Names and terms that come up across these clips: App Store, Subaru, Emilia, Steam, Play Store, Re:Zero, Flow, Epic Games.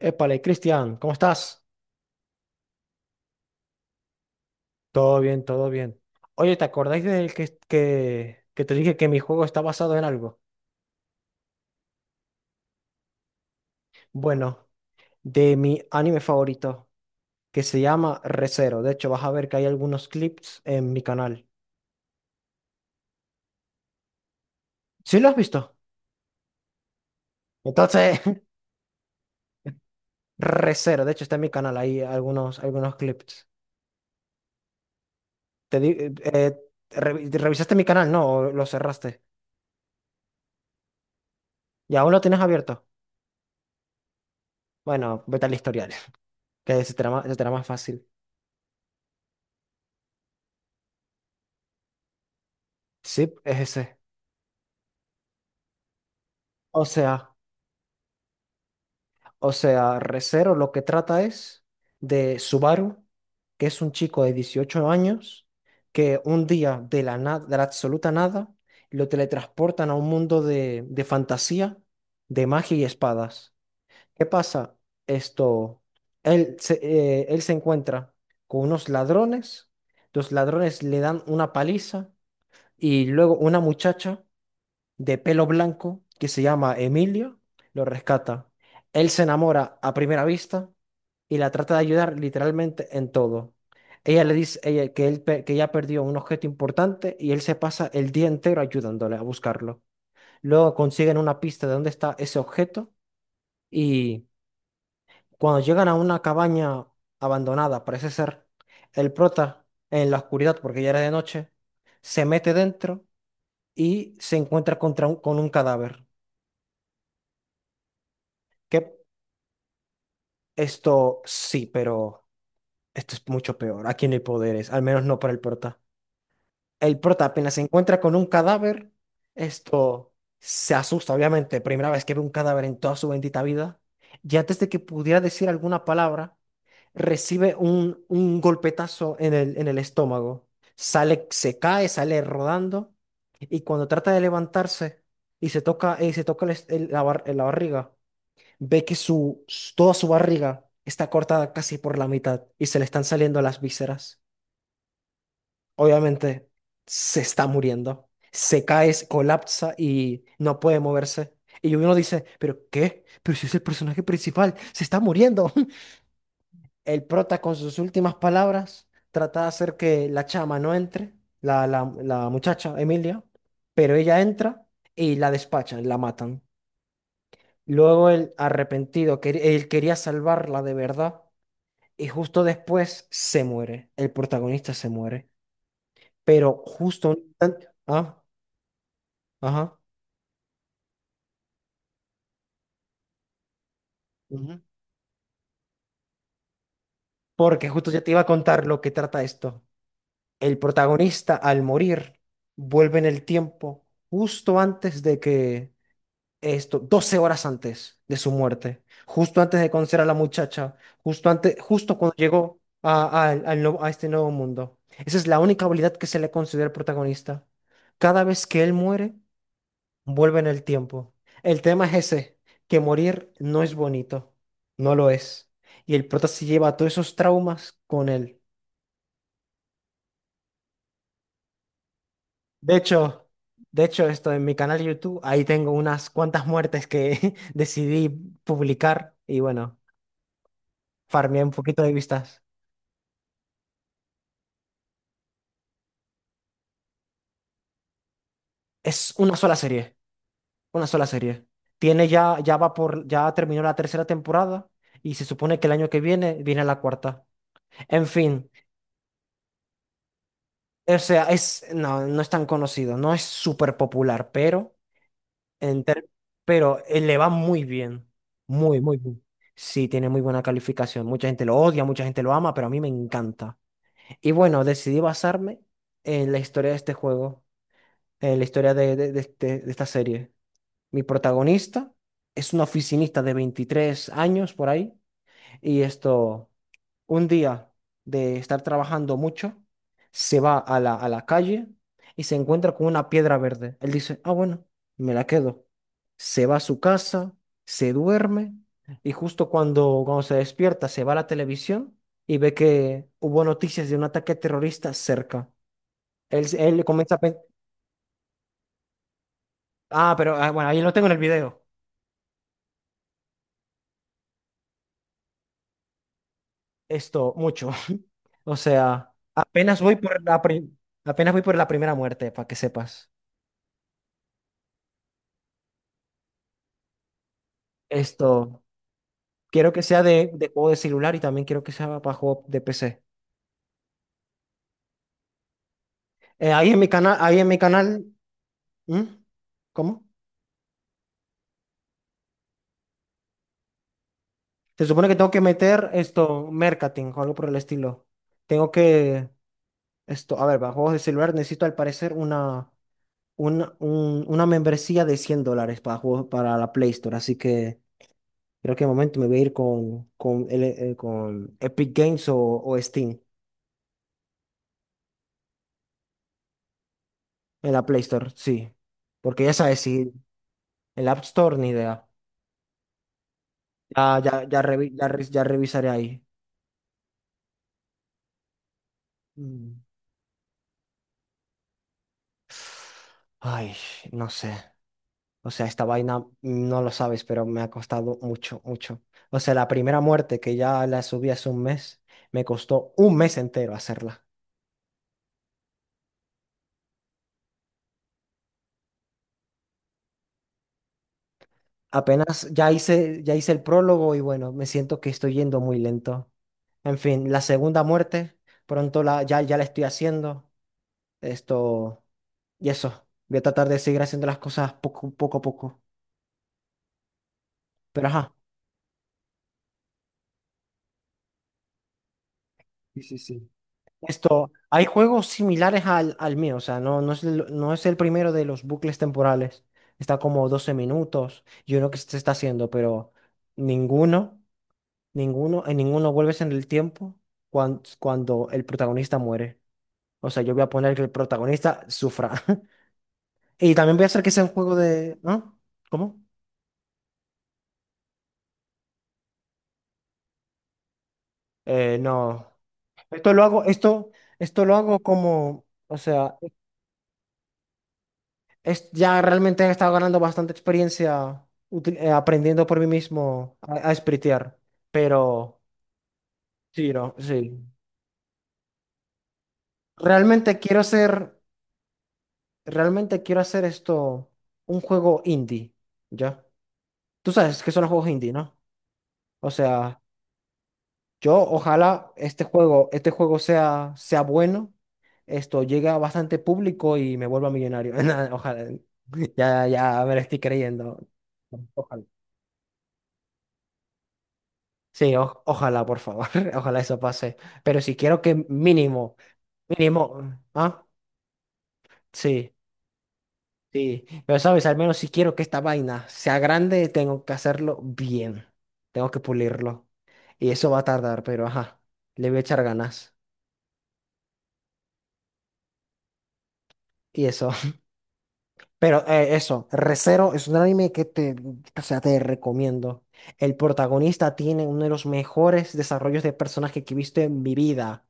Épale, Cristian, ¿cómo estás? Todo bien, todo bien. Oye, ¿te acordáis del que te dije que mi juego está basado en algo? Bueno, de mi anime favorito, que se llama Re:Zero. De hecho, vas a ver que hay algunos clips en mi canal. ¿Sí lo has visto? Entonces, Re:Zero, de hecho, está en mi canal, hay algunos clips. Te di- eh, eh, ¿Revisaste mi canal? No. ¿O lo cerraste? ¿Y aún lo tienes abierto? Bueno, vete al historial, que se te hará más fácil. Sí, es ese. O sea. O sea, Re:Zero lo que trata es de Subaru, que es un chico de 18 años, que un día de la nada, de la absoluta nada, lo teletransportan a un mundo de fantasía, de magia y espadas. ¿Qué pasa? Esto, él se encuentra con unos ladrones, los ladrones le dan una paliza y luego una muchacha de pelo blanco que se llama Emilio, lo rescata. Él se enamora a primera vista y la trata de ayudar literalmente en todo. Ella le dice ella, que, él, pe- que ella perdió un objeto importante y él se pasa el día entero ayudándole a buscarlo. Luego consiguen una pista de dónde está ese objeto y cuando llegan a una cabaña abandonada, parece ser, el prota en la oscuridad, porque ya era de noche, se mete dentro y se encuentra con un cadáver. ¿Qué, Esto sí, pero esto es mucho peor. Aquí no hay poderes, al menos no para el prota. El prota apenas se encuentra con un cadáver, esto se asusta, obviamente. Primera vez que ve un cadáver en toda su bendita vida. Y antes de que pudiera decir alguna palabra, recibe un golpetazo en el estómago. Sale, se cae, sale rodando. Y cuando trata de levantarse y se toca el est- el- la bar- la barriga, ve que toda su barriga está cortada casi por la mitad y se le están saliendo las vísceras. Obviamente se está muriendo. Se cae, se colapsa y no puede moverse. Y uno dice, ¿pero qué? Pero si es el personaje principal, se está muriendo. El prota con sus últimas palabras trata de hacer que la chama no entre, la muchacha, Emilia, pero ella entra y la despachan, la matan. Luego el arrepentido, que él quería salvarla de verdad, y justo después se muere, el protagonista se muere, pero justo un instante- ah, ajá, ujú. Porque justo ya te iba a contar lo que trata esto. El protagonista al morir vuelve en el tiempo justo antes de que esto, 12 horas antes de su muerte, justo antes de conocer a la muchacha, justo antes, justo cuando llegó a este nuevo mundo. Esa es la única habilidad que se le considera al protagonista. Cada vez que él muere, vuelve en el tiempo. El tema es ese, que morir no es bonito, no lo es. Y el prota se lleva todos esos traumas con él. De hecho, de hecho, esto en mi canal de YouTube, ahí tengo unas cuantas muertes que decidí publicar y bueno, farmeé un poquito de vistas. Es una sola serie, una sola serie. Tiene ya, ya terminó la tercera temporada y se supone que el año que viene viene la cuarta. En fin. O sea, no es tan conocido, no es súper popular, pero, en ter- le va muy bien. Muy, muy bien. Sí, tiene muy buena calificación. Mucha gente lo odia, mucha gente lo ama, pero a mí me encanta. Y bueno, decidí basarme en la historia de este juego, en la historia de esta serie. Mi protagonista es una oficinista de 23 años por ahí, y esto un día de estar trabajando mucho, se va a la calle y se encuentra con una piedra verde. Él dice, ah, bueno, me la quedo. Se va a su casa, se duerme y justo cuando se despierta se va a la televisión y ve que hubo noticias de un ataque terrorista cerca. Él comienza a pensar, ah, pero ah, bueno, ahí lo tengo en el video. Esto, mucho. O sea, apenas voy por la primera muerte, para que sepas. Esto. Quiero que sea de juego de celular y también quiero que sea para juego de PC. Ahí en mi canal, ahí en mi canal. ¿Mm? ¿Cómo? Se supone que tengo que meter esto, marketing o algo por el estilo. Tengo que, esto, a ver, para juegos de celular necesito al parecer una membresía de $100 para juegos, para la Play Store. Así que creo que de momento me voy a ir con Epic Games o Steam en la Play Store, sí. Porque ya sabes, si el App Store ni idea. Ya, ya, ya, ya revisaré ahí. Mm. Ay, no sé. O sea, esta vaina no lo sabes, pero me ha costado mucho, mucho. O sea, la primera muerte que ya la subí hace un mes, me costó un mes entero hacerla. Apenas ya hice el prólogo y bueno, me siento que estoy yendo muy lento. En fin, la segunda muerte, ya la estoy haciendo. Esto y eso. Voy a tratar de seguir haciendo las cosas poco a poco. Pero ajá. Sí, sí, sí. Esto, hay juegos similares al mío, o sea, no es el primero de los bucles temporales. Está como 12 minutos y uno que se está haciendo, pero ninguno, en ninguno vuelves en el tiempo cuando el protagonista muere. O sea, yo voy a poner que el protagonista sufra. Y también voy a hacer que sea un juego de... ¿No? ¿Cómo? No. Esto lo hago, esto, esto lo hago como, o sea, es, ya realmente he estado ganando bastante experiencia aprendiendo por mí mismo a spritear. Pero sí, no, sí. Realmente quiero hacer, realmente quiero hacer esto un juego indie, ¿ya? Tú sabes que son los juegos indie, ¿no? O sea, yo ojalá este juego sea bueno, esto llegue a bastante público y me vuelva millonario. Nada, ojalá. Ya, ya me lo estoy creyendo. Ojalá. Sí, ojalá, por favor, ojalá eso pase. Pero si quiero que mínimo, mínimo, ah, sí, sí. Pero sabes, al menos si quiero que esta vaina sea grande, tengo que hacerlo bien. Tengo que pulirlo. Y eso va a tardar, pero ajá, le voy a echar ganas. Y eso. Pero eso, Re:Zero es un anime o sea, te recomiendo. El protagonista tiene uno de los mejores desarrollos de personaje que he visto en mi vida.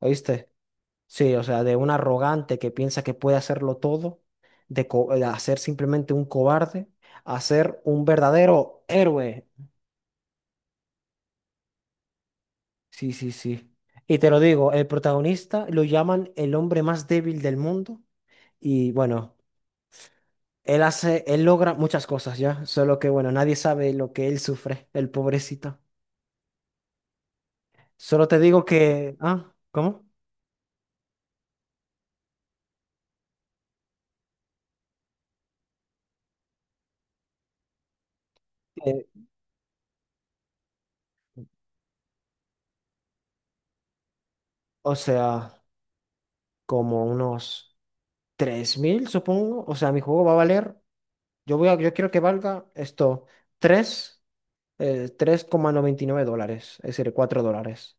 ¿Oíste? Sí, o sea, de un arrogante que piensa que puede hacerlo todo, de hacer simplemente un cobarde, a ser un verdadero héroe. Sí, sí, sí. Y te lo digo, el protagonista lo llaman el hombre más débil del mundo y bueno, él logra muchas cosas ya, solo que bueno, nadie sabe lo que él sufre, el pobrecito. Solo te digo que, ah, ¿cómo? Eh, o sea, como unos 3.000 supongo. O sea, mi juego va a valer. Yo quiero que valga esto, 3, eh, $3,99, es decir, $4.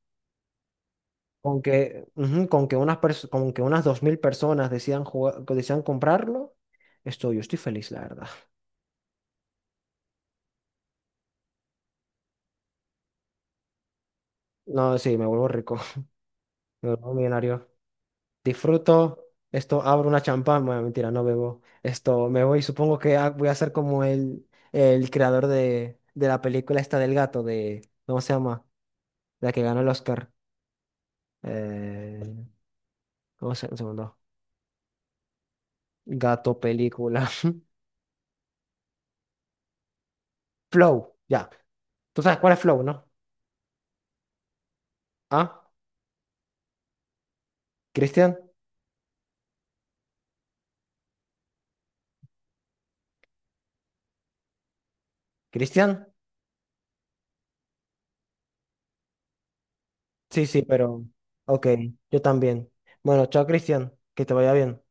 Con que, ujú, con que unas 2.000 personas decidan jugar, que decidan comprarlo, yo estoy feliz, la verdad. No, sí, me vuelvo rico, me vuelvo millonario. Disfruto, esto, abro una champán, bueno, mentira, no bebo. Esto, me voy, supongo voy a ser como el creador de la película esta del gato, de, ¿cómo se llama? La que ganó el Oscar. Eh, ¿Cómo se un segundo? Gato, película. Flow, ya. ¿Tú sabes cuál es Flow, no? ¿Ah? ¿Cristian? ¿Cristian? Sí, sí, pero... Ok, yo también. Bueno, chao, Cristian. Que te vaya bien.